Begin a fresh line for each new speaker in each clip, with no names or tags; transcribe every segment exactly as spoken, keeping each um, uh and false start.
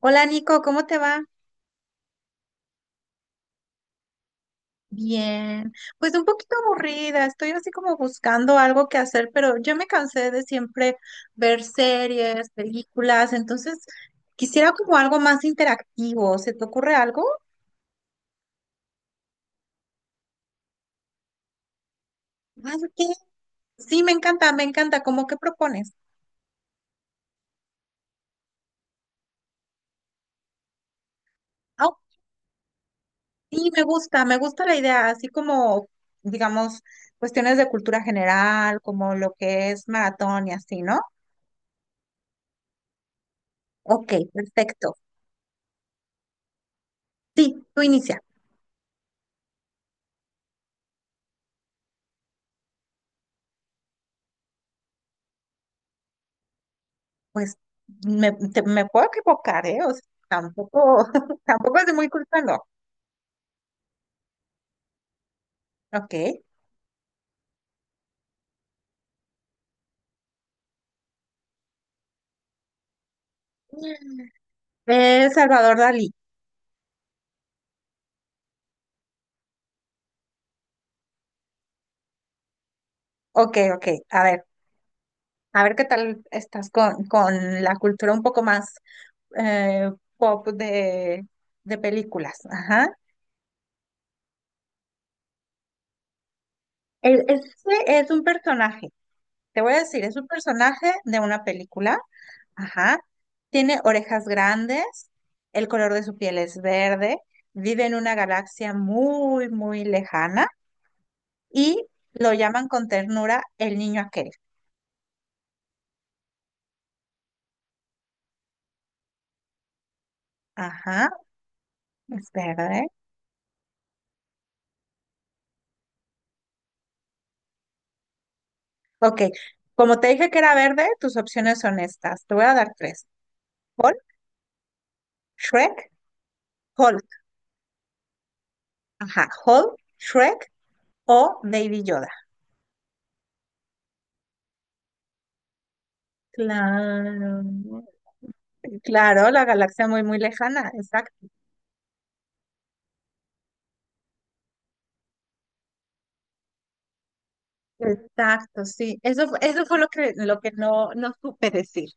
Hola Nico, ¿cómo te va? Bien, pues un poquito aburrida, estoy así como buscando algo que hacer, pero yo me cansé de siempre ver series, películas, entonces quisiera como algo más interactivo. ¿Se te ocurre algo? Ah, ok. Sí, me encanta, me encanta. ¿Cómo qué propones? Ah, sí, me gusta, me gusta la idea, así como, digamos, cuestiones de cultura general, como lo que es maratón y así, ¿no? Ok, perfecto. Sí, tú inicia. Pues me, te- me puedo equivocar, ¿eh? O sea, tampoco, tampoco es muy culpa, no. Ok. Eh, Salvador Dalí. Ok, ok. A ver, a ver qué tal estás con, con la cultura un poco más eh, pop de, de películas. Ajá. El- Este es un personaje. Te voy a decir, es un personaje de una película. Ajá. Tiene orejas grandes, el color de su piel es verde, vive en una galaxia muy, muy lejana y lo llaman con ternura el niño aquel. Ajá, es verde. Ok, como te dije que era verde, tus opciones son estas. Te voy a dar tres. Hulk, Shrek, Hulk. Ajá, Hulk, Shrek o Baby Yoda. Claro, claro, la galaxia muy, muy lejana, exacto. Exacto, sí. Eso, fue- eso fue lo que, lo que no, no supe decir.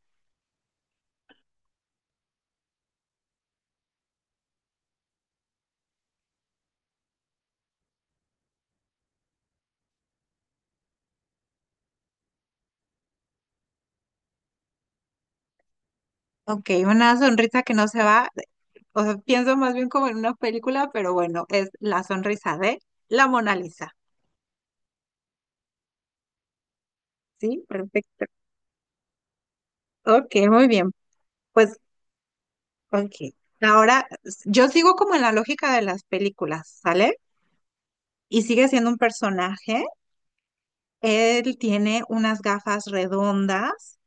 Ok, una sonrisa que no se va. O sea, pienso más bien como en una película, pero bueno, es la sonrisa de la Mona Lisa. Sí, perfecto. Ok, muy bien. Pues, ok. Ahora, s- yo sigo como en la lógica de las películas, ¿sale? Y sigue siendo un personaje. Él tiene unas gafas redondas,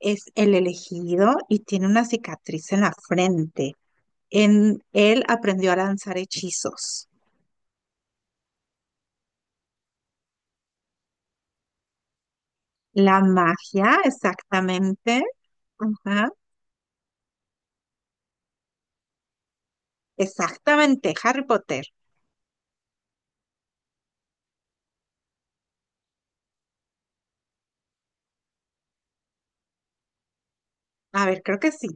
es el elegido y tiene una cicatriz en la frente. En él aprendió a lanzar hechizos. La magia, exactamente. Ajá, exactamente, Harry Potter. A ver, creo que sí.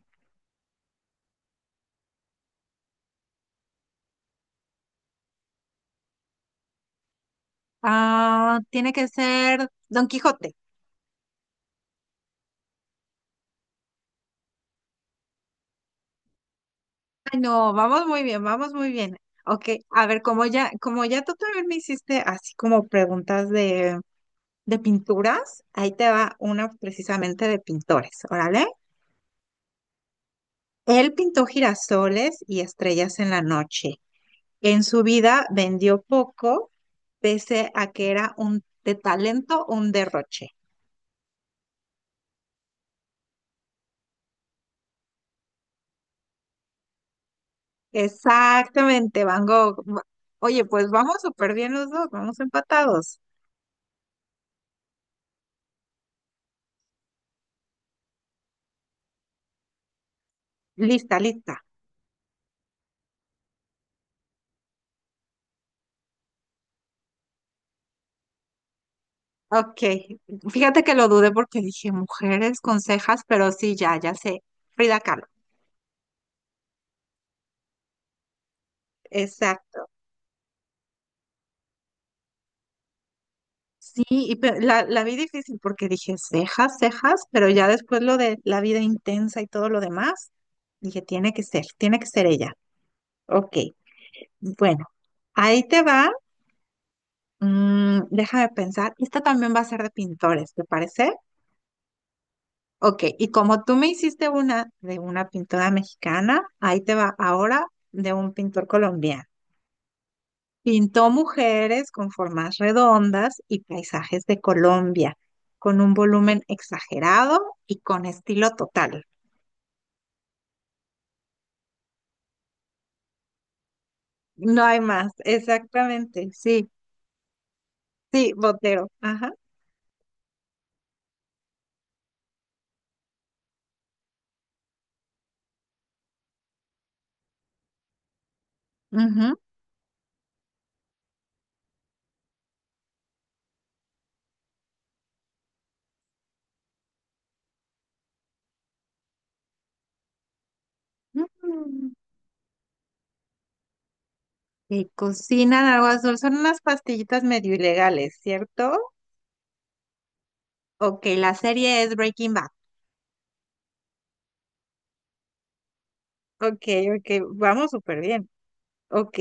Ah, tiene que ser Don Quijote. Ay, no, vamos muy bien, vamos muy bien. Ok, a ver, como ya, como ya tú también me hiciste así como preguntas de, de pinturas, ahí te va una precisamente de pintores, órale. Él pintó girasoles y estrellas en la noche. En su vida vendió poco, pese a que era un de talento, un derroche. Exactamente, Van Gogh. Va- Oye, pues vamos súper bien los dos, vamos empatados. Lista, lista. Ok, fíjate que lo dudé porque dije mujeres con cejas, pero sí, ya, ya sé. Frida Kahlo. Exacto. Sí, y pe- la, la vi difícil porque dije cejas, cejas, pero ya después lo de la vida intensa y todo lo demás, dije tiene que ser, tiene que ser ella. Ok. Bueno, ahí te va. Mm, déjame pensar. Esta también va a ser de pintores, ¿te parece? Ok, y como tú me hiciste una de una pintora mexicana, ahí te va ahora de un pintor colombiano. Pintó mujeres con formas redondas y paisajes de Colombia, con un volumen exagerado y con estilo total. No hay más, exactamente, sí, sí, Botero, ajá. Ujú, que cocinan algo azul. Son unas pastillitas medio ilegales, ¿cierto? Ok, la serie es Breaking Bad. Ok, ok, vamos súper bien. Ok,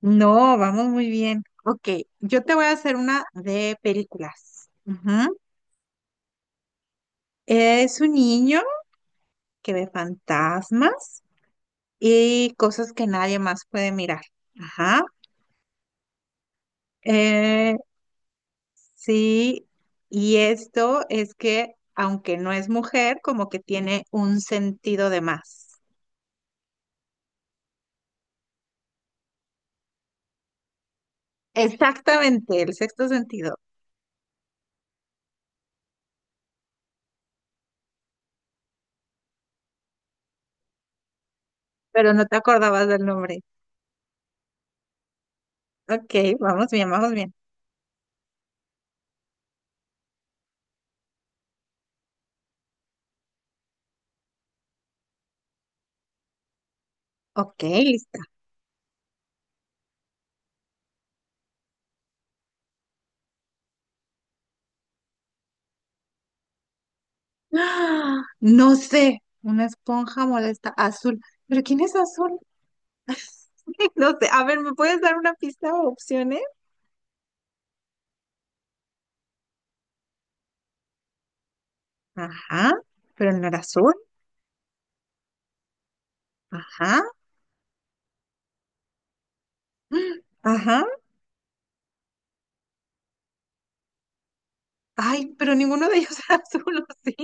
no, vamos muy bien. Ok, yo te voy a hacer una de películas. Ujú. Es un niño que ve fantasmas y cosas que nadie más puede mirar. Ajá. Eh, sí, y esto es que, aunque no es mujer, como que tiene un sentido de más. Exactamente, el sexto sentido, pero no te acordabas del nombre. Ok, vamos bien, vamos bien. Ok, lista. ¡Ah! No sé, una esponja molesta azul. ¿Pero quién es azul? No sé, a ver, ¿me puedes dar una pista o opciones? Ajá, pero no era azul. Ajá, mm, ajá. Ay, pero ninguno de ellos era azul, ¿o sí?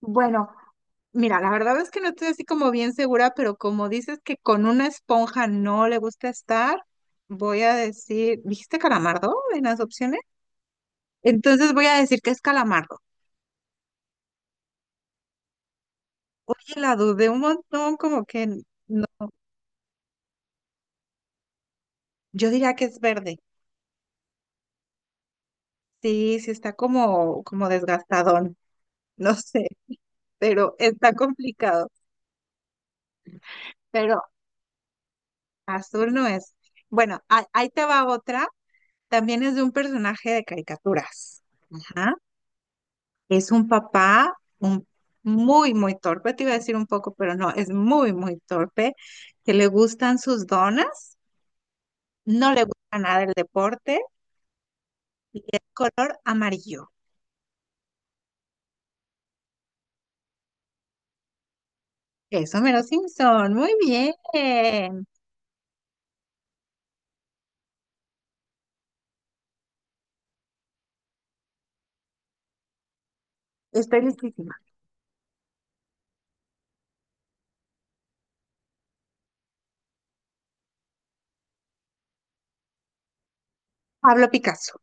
Bueno, mira, la verdad es que no estoy así como bien segura, pero como dices que con una esponja no le gusta estar, voy a decir, ¿dijiste calamardo en las opciones? Entonces voy a decir que es calamardo. Oye, la dudé un montón, como que n- yo diría que es verde. Sí, sí está como, como desgastadón, no sé, pero está complicado. Pero azul no es. Bueno, a- ahí te va otra. También es de un personaje de caricaturas. Es un papá un- muy, muy torpe, te iba a decir un poco, pero no, es muy, muy torpe, que le gustan sus donas, no le gusta nada el deporte y es color amarillo. Eso, Mero Simpson, muy bien. Estoy listísima. Pablo Picasso.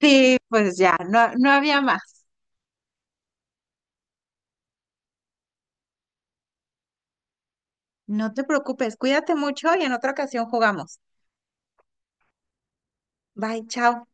Sí, pues ya, no, no había más. No te preocupes, cuídate mucho y en otra ocasión jugamos. Bye, chao.